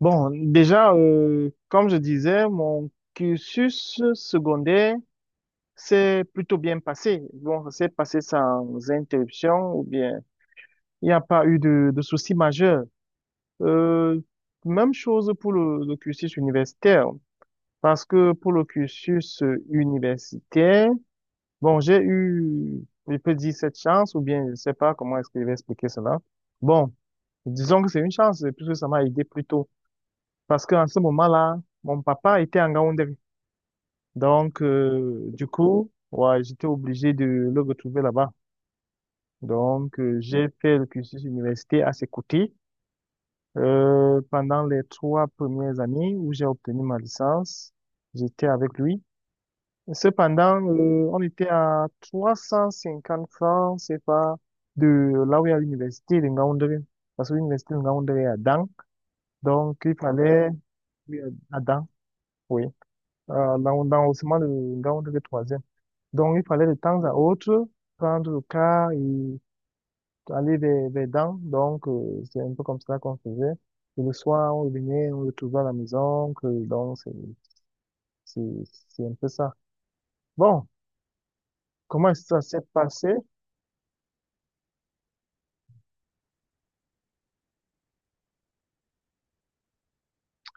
Bon, déjà, comme je disais, mon cursus secondaire s'est plutôt bien passé. Bon, ça s'est passé sans interruption ou bien il n'y a pas eu de soucis majeurs. Euh, Même chose pour le cursus universitaire, parce que pour le cursus universitaire, bon, j'ai eu, je peux dire cette chance, ou bien je sais pas comment est-ce que je vais expliquer cela. Bon, disons que c'est une chance, puisque ça m'a aidé plus tôt. Parce qu'en ce moment-là, mon papa était en Yaoundé. Donc, du coup, ouais, j'étais obligé de le retrouver là-bas. Donc, j'ai fait le cursus universitaire à ses côtés. Pendant les trois premières années où j'ai obtenu ma licence, j'étais avec lui. Cependant, on était à 350 francs, c'est pas de là où il y a l'université de Ngaoundéré. Parce que l'université de Ngaoundéré est à Dan. Donc, il fallait, oui, à Dan, oui, dans le ciment de Ngaoundéré troisième. Donc, il fallait de temps à autre prendre le car et aller vers Dan. Donc, c'est un peu comme ça qu'on faisait. Et le soir, on revenait, on retrouvait à la maison. Donc, c'est, c'est un peu ça. Bon, comment ça s'est passé?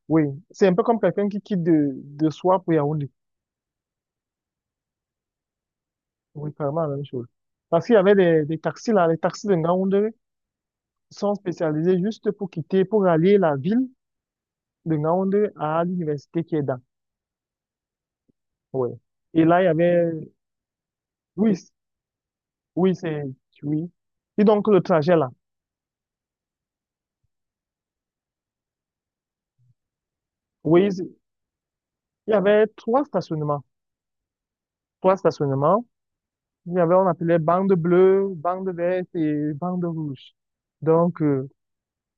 Oui, c'est un peu comme quelqu'un qui quitte de soi pour Yaoundé. Oui, carrément la même chose. Parce qu'il y avait des taxis là, les taxis de Yaoundé sont spécialisés juste pour quitter, pour aller la ville de Yaoundé à l'université qui est dans. Oui. Et là, il y avait, oui, oui, c'est, oui. Et donc, le trajet là, oui, c'est- il y avait trois stationnements. Trois stationnements. Il y avait, on appelait bande bleue, bande verte et bande rouge. Donc,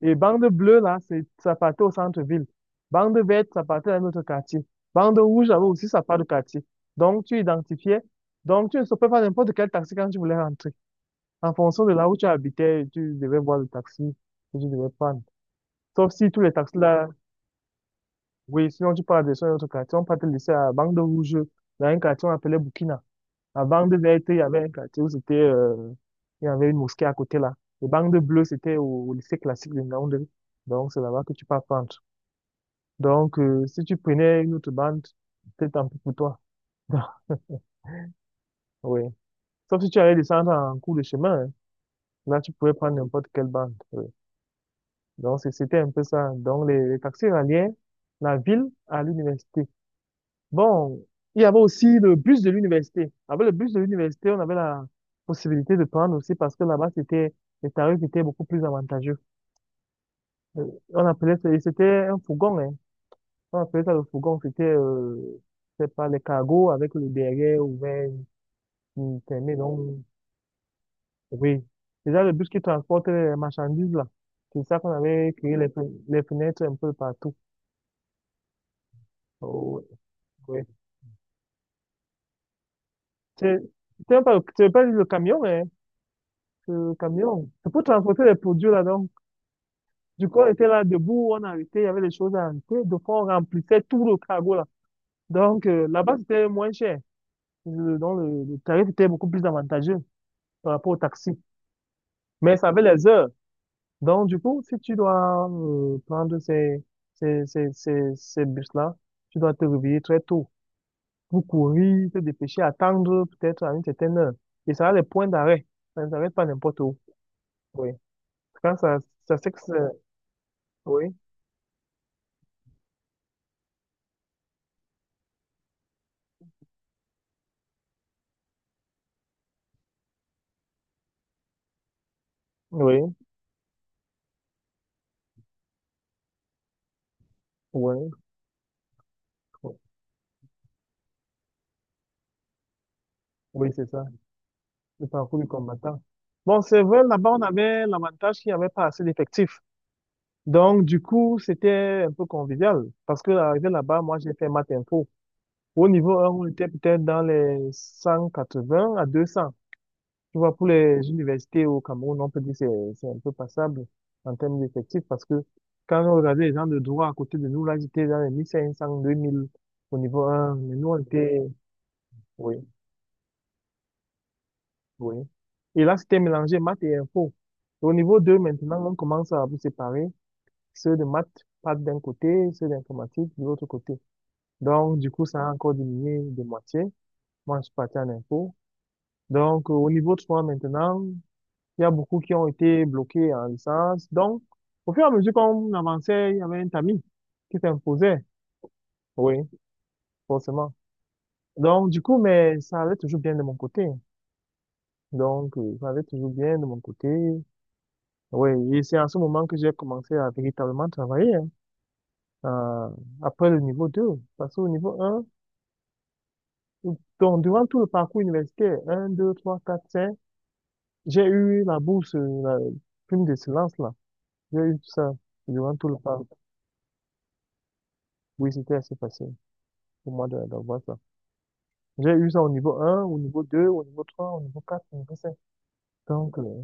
et bande bleue, là, c'est, ça partait au centre-ville. Bande verte, ça partait dans notre quartier. Bande rouge, avait aussi ça part du quartier. Donc, tu identifiais. Donc, tu ne peux pas n'importe quel taxi quand tu voulais rentrer. En fonction de là où tu habitais, tu devais voir le taxi que tu devais prendre. Sauf si tous les taxis là, oui, sinon tu pars de sur un autre quartier. On peut te laisser à bande rouge, dans un quartier on appelait Burkina. À bande verte, il y avait un quartier où c'était, il y avait une mosquée à côté là. Les bandes bleues, c'était au lycée classique de Yaoundé. Donc, c'est là-bas que tu peux prendre. Donc, si tu prenais une autre bande, c'était tant pis pour toi. Oui. Sauf si tu allais descendre en cours de chemin, hein. Là, tu pouvais prendre n'importe quelle bande. Oui. Donc, c'était un peu ça. Donc, les taxis ralliaient la ville à l'université. Bon, il y avait aussi le bus de l'université. Avec le bus de l'université, on avait la possibilité de prendre aussi parce que là-bas, c'était, les tarifs étaient beaucoup plus avantageux. Euh, On appelait ça, et c'était un fourgon, hein. On appelait ça le fourgon. C'était, c'est pas les cargos avec le derrière ouvert qui permet donc, oui, déjà le bus qui transporte les marchandises là, c'est ça qu'on avait créé les, les fenêtres un peu partout. Oh, ouais. C'est c'est pas peu, c'est pas le camion, mais c'est le camion. C'est pour transporter les produits là donc. Du coup, on était là debout, on arrêtait, il y avait des choses à arrêter, de fois on remplissait tout le cargo là. Donc là-bas c'était moins cher. Donc le tarif était beaucoup plus avantageux par rapport au taxi. Mais ça avait les heures. Donc, du coup, si tu dois prendre ces bus-là, tu dois te réveiller très tôt pour courir, te dépêcher, attendre peut-être à une certaine heure. Et ça a les points d'arrêt. Ça ne s'arrête pas n'importe où. Oui. Quand ça, ça c'est que c'est- oui, oui, oui, oui. Oui, c'est ça. Le parcours du combattant. Bon, c'est vrai, là-bas, on avait l'avantage qu'il n'y avait pas assez d'effectifs. Donc, du coup, c'était un peu convivial. Parce que, arrivé là-bas, moi, j'ai fait maths info. Au niveau 1, on était peut-être dans les 180 à 200. Tu vois, pour les universités au Cameroun, on peut dire que c'est un peu passable en termes d'effectifs parce que quand on regardait les gens de droit à côté de nous, là, ils étaient dans les 1500, 2000 au niveau 1. Mais nous, on était, oui, oui. Et là, c'était mélangé maths et info. Et au niveau 2, maintenant, on commence à vous séparer. Ceux de maths partent d'un côté, ceux d'informatique de l'autre côté. Donc, du coup, ça a encore diminué de moitié. Moi, je suis parti en info. Donc, au niveau de soi maintenant, il y a beaucoup qui ont été bloqués en licence. Donc, au fur et à mesure qu'on avançait, il y avait un tamis qui s'imposait. Oui, forcément. Donc, du coup, mais ça allait toujours bien de mon côté. Donc, ça allait toujours bien de mon côté. Oui, et c'est à ce moment que j'ai commencé à véritablement travailler, hein, euh, après le niveau 2. Parce qu'au niveau 1, donc, durant tout le parcours universitaire, 1, 2, 3, 4, 5, j'ai eu la bourse, la prime de silence. J'ai eu ça durant tout le parc. Oui, c'était assez facile pour moi d'avoir ça. J'ai eu ça au niveau 1, au niveau 2, au niveau 3, au niveau 4, au niveau 5. Donc,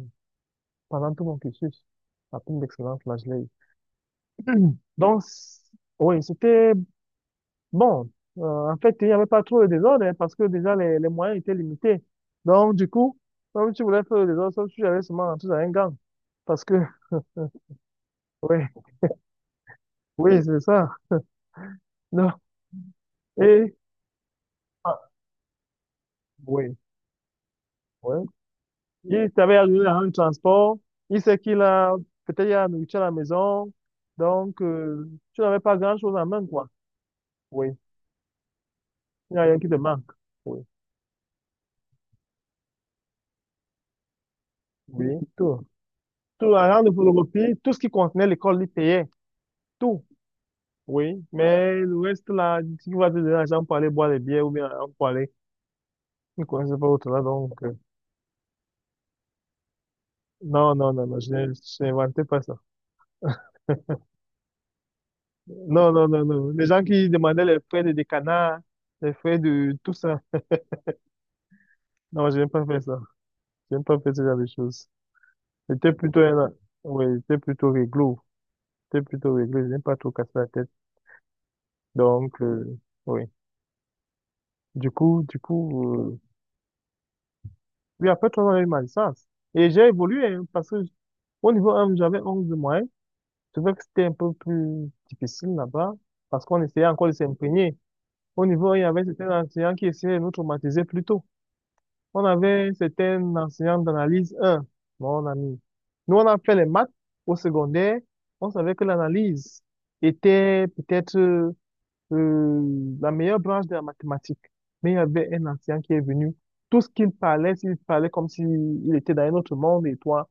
pendant tout mon cursus, la prime d'excellence, là, je l'ai eu. Donc, c- oui, c'était bon. En fait, il n'y avait pas trop de désordre hein, parce que déjà, les moyens étaient limités. Donc, du coup, comme tu voulais faire le désordre, sauf que tu avais seulement rentrer dans un gang. Parce que, oui, oui, c'est ça. Non. Et, ah, oui, oui, il savait arriver à un transport. Il sait qu'il a, peut-être il y a la nourriture à la maison. Donc, tu n'avais pas grand-chose en main, quoi. Oui. Il n'y a rien qui te manque. Oui. Oui. Tout. Tout, la grande photocopie, tout ce qui contenait l'école, il payait. Tout. Oui. Mais le reste, là, si tu vas te donner l'argent pour aller boire des bières ou bien l'argent pour aller. Je ne connaissais pas autre là, donc, non, non, non, non, je n'inventais pas ça. Non, non, non, non. Les gens qui demandaient les frais de décanat, les frais de tout ça. Non, je n'ai pas fait ça. J'aime pas faire ce genre de choses. J'étais plutôt un, oui, j'étais plutôt réglo. J'étais plutôt réglo. J'aime pas trop casser la tête. Donc, oui. Du coup, oui, après 3 ans, j'ai eu ma licence. Et j'ai évolué, hein, parce que au niveau 1, j'avais 11 de moyenne. Je trouvais que c'était un peu plus difficile là-bas, parce qu'on essayait encore de s'imprégner. Au niveau 1, il y avait certains enseignants qui essayaient de nous traumatiser plus tôt. On avait une certaine enseignante d'analyse un, mon ami. Nous, on a fait les maths au secondaire. On savait que l'analyse était peut-être la meilleure branche de la mathématique. Mais il y avait un enseignant qui est venu. Tout ce qu'il parlait, il parlait comme s'il était dans un autre monde et toi.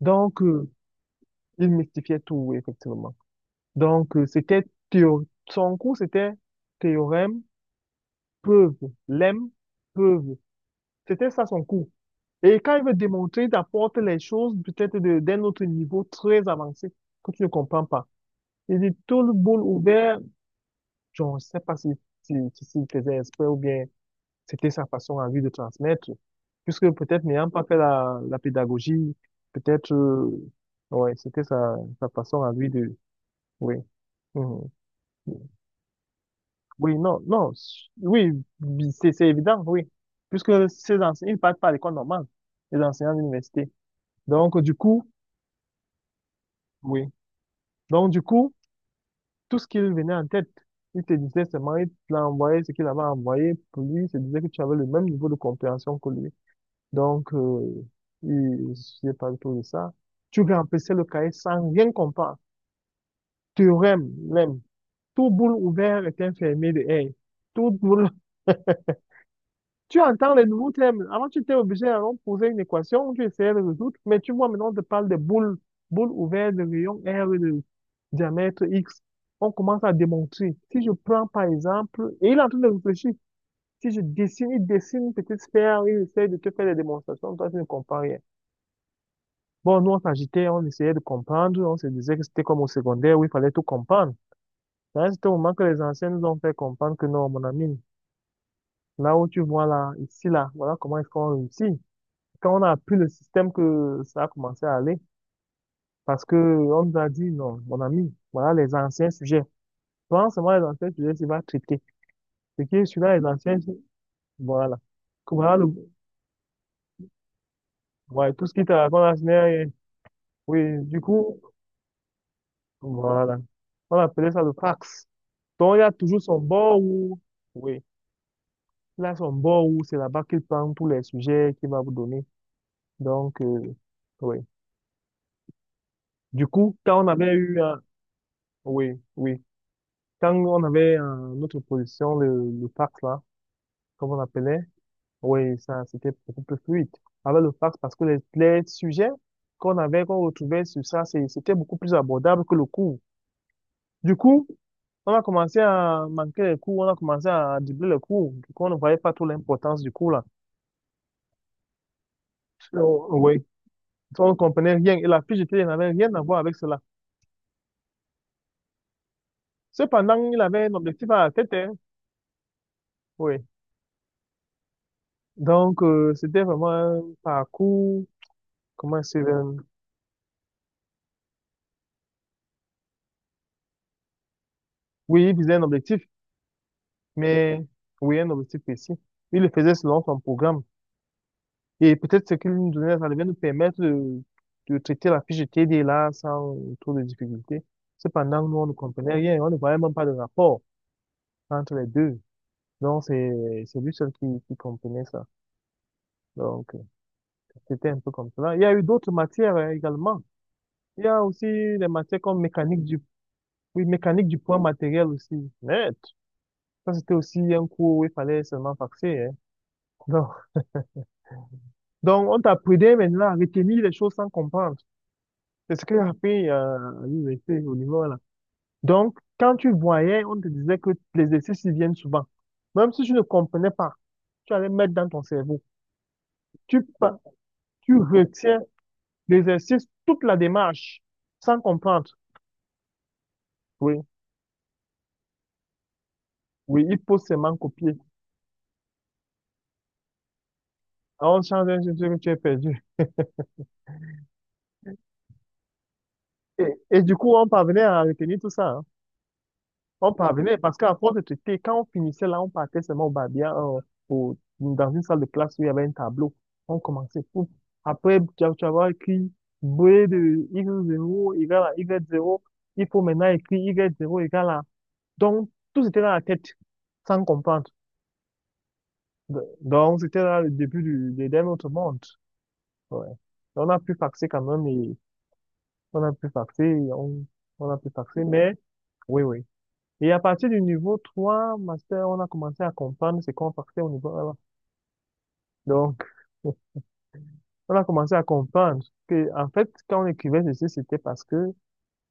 Donc, il mystifiait tout, effectivement. Donc, c'était son cours, c'était théorème, preuve, lemme, preuve. C'était ça son cours. Et quand il veut démontrer, il t'apporte les choses peut-être d'un autre niveau très avancé que tu ne comprends pas. Il dit tout le bol ouvert, je ne sais pas si, s'il faisait exprès ou bien c'était sa façon à lui de transmettre. Puisque peut-être n'ayant pas fait la pédagogie, peut-être, ouais, c'était sa façon à lui de, oui. Mhm. Oui, non, non, oui, c'est évident, oui. Puisque ces enseignants, ils ne partent pas à l'école normale, les enseignants d'université. Donc, du coup, oui. Donc, du coup, tout ce qu'il venait en tête, il te disait seulement, il l'a envoyé, ce qu'il avait envoyé pour lui, il te disait que tu avais le même niveau de compréhension que lui. Donc, il suffisait pas tout de ça. Tu remplissais le cahier sans rien comprendre. Théorème, lemme. Tout boule ouvert est un fermé de R. Tout boule tu entends les nouveaux thèmes. Avant, tu étais obligé d'aller poser une équation, tu essayais de résoudre, mais tu vois, maintenant, on te parle de boules, boules ouvertes de rayon R et de diamètre X. On commence à démontrer. Si je prends, par exemple, et il est en train de réfléchir, si je dessine, il dessine une petite sphère, il essaie de te faire des démonstrations, toi, tu ne comprends rien. Bon, nous, on s'agitait, on essayait de comprendre, on se disait que c'était comme au secondaire où il fallait tout comprendre. Là, c'était au moment que les anciens nous ont fait comprendre que non, mon ami, là où tu vois là, ici, là, voilà comment est-ce qu'on réussit. Quand on a appris le système que ça a commencé à aller, parce que on nous a dit, non, mon ami, voilà les anciens sujets. Prends seulement les anciens sujets, tu vas traiter. Ce qui est celui-là, les anciens, voilà. Que voilà le, ouais, tout ce qui te raconte là, ce n'est rien. Oui, du coup, voilà. On appelait ça le fax. Donc, il y a toujours son bord où, oui, il a son bord où c'est là-bas qu'il prend tous les sujets qu'il va vous donner. Donc, euh, oui. Du coup, quand on avait eu un, oui, oui. Quand on avait notre position, le fax, là, comme on appelait, oui, ça, c'était beaucoup plus fluide avec le fax parce que les sujets qu'on avait, qu'on retrouvait sur ça, c'était beaucoup plus abordable que le cours. Du coup, on a commencé à manquer les cours, on a commencé à doubler les cours. Du coup, on ne voyait pas trop l'importance du cours, là. Oh, oui. On ne comprenait rien et la fiche de télé n'avait rien à voir avec cela. Cependant, il avait un objectif à la tête, hein. Oui. Donc, c'était vraiment un parcours, comment c'est. Oui, il visait un objectif, mais oui, un objectif précis. Il le faisait selon son programme. Et peut-être ce qu'il nous donnait, ça devait nous permettre de traiter la fiche de TD là sans trop de difficulté. Cependant, nous, on ne comprenait rien. On ne voyait même pas de rapport entre les deux. Donc, c'est lui seul qui comprenait ça. Donc, euh, C'était un peu comme cela. Il y a eu d'autres matières également. Il y a aussi des matières comme oui, mécanique du poids matériel aussi. Net, ça, c'était aussi un cours où il fallait seulement faxer, hein. Donc, on t'apprenait maintenant à retenir les choses sans comprendre. C'est ce que j'ai appris à l'université, au niveau là. Donc, quand tu voyais, on te disait que les exercices ils viennent souvent. Même si tu ne comprenais pas, tu allais mettre dans ton cerveau. Tu, pa- Tu retiens l'exercice, toute la démarche, sans comprendre. Oui, oui, il faut seulement copier. Alors, on change un sujet que tu as perdu. Et, et du coup, on parvenait à retenir tout ça. On parvenait parce qu'à force de traiter, quand on finissait là, on partait seulement au Babia, dans une salle de classe où il y avait un tableau. On commençait tout. Après, tu vas avoir écrit B de x 0 égale à Y0. Il faut maintenant écrire Y0 égale à. Donc, tout était dans la tête, sans comprendre. Donc, c'était là le début d'un autre monde. Ouais. On a pu faxer quand même et on a pu faxer, on, on a pu faxer, mais oui, oui. Et à partir du niveau 3, master, on a commencé à comprendre ce qu'on partait au niveau 1. Donc, on a commencé à comprendre que, en fait, quand on écrivait ceci, c'était parce que,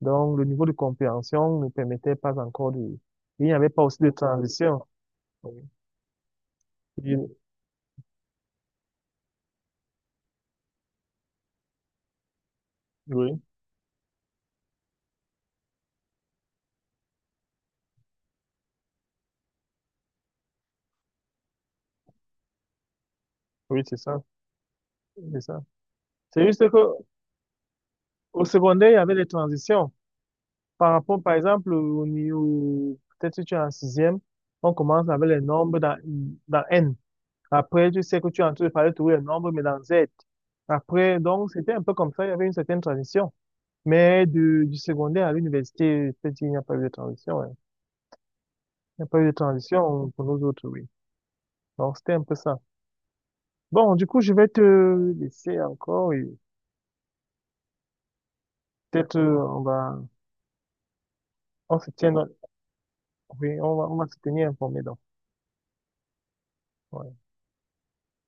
donc, le niveau de compréhension ne permettait pas encore de, il n'y avait pas aussi de transition. Oui, oui, oui, c'est ça, c'est ça. C'est juste que, au secondaire, il y avait des transitions. Par rapport, par exemple, au niveau, peut-être si tu es en sixième, on commence avec les nombres dans N. Après, tu sais que tu es en train de parler toujours les nombres, mais dans Z. Après, donc, c'était un peu comme ça, il y avait une certaine transition. Mais du secondaire à l'université, je peux il n'y a pas eu de transition, hein. Il n'y a pas eu de transition pour nous autres, oui. Donc, c'était un peu ça. Bon, du coup, je vais te laisser encore, et peut-être, on va, on se tient, oui, on va se tenir informé, donc. Ouais.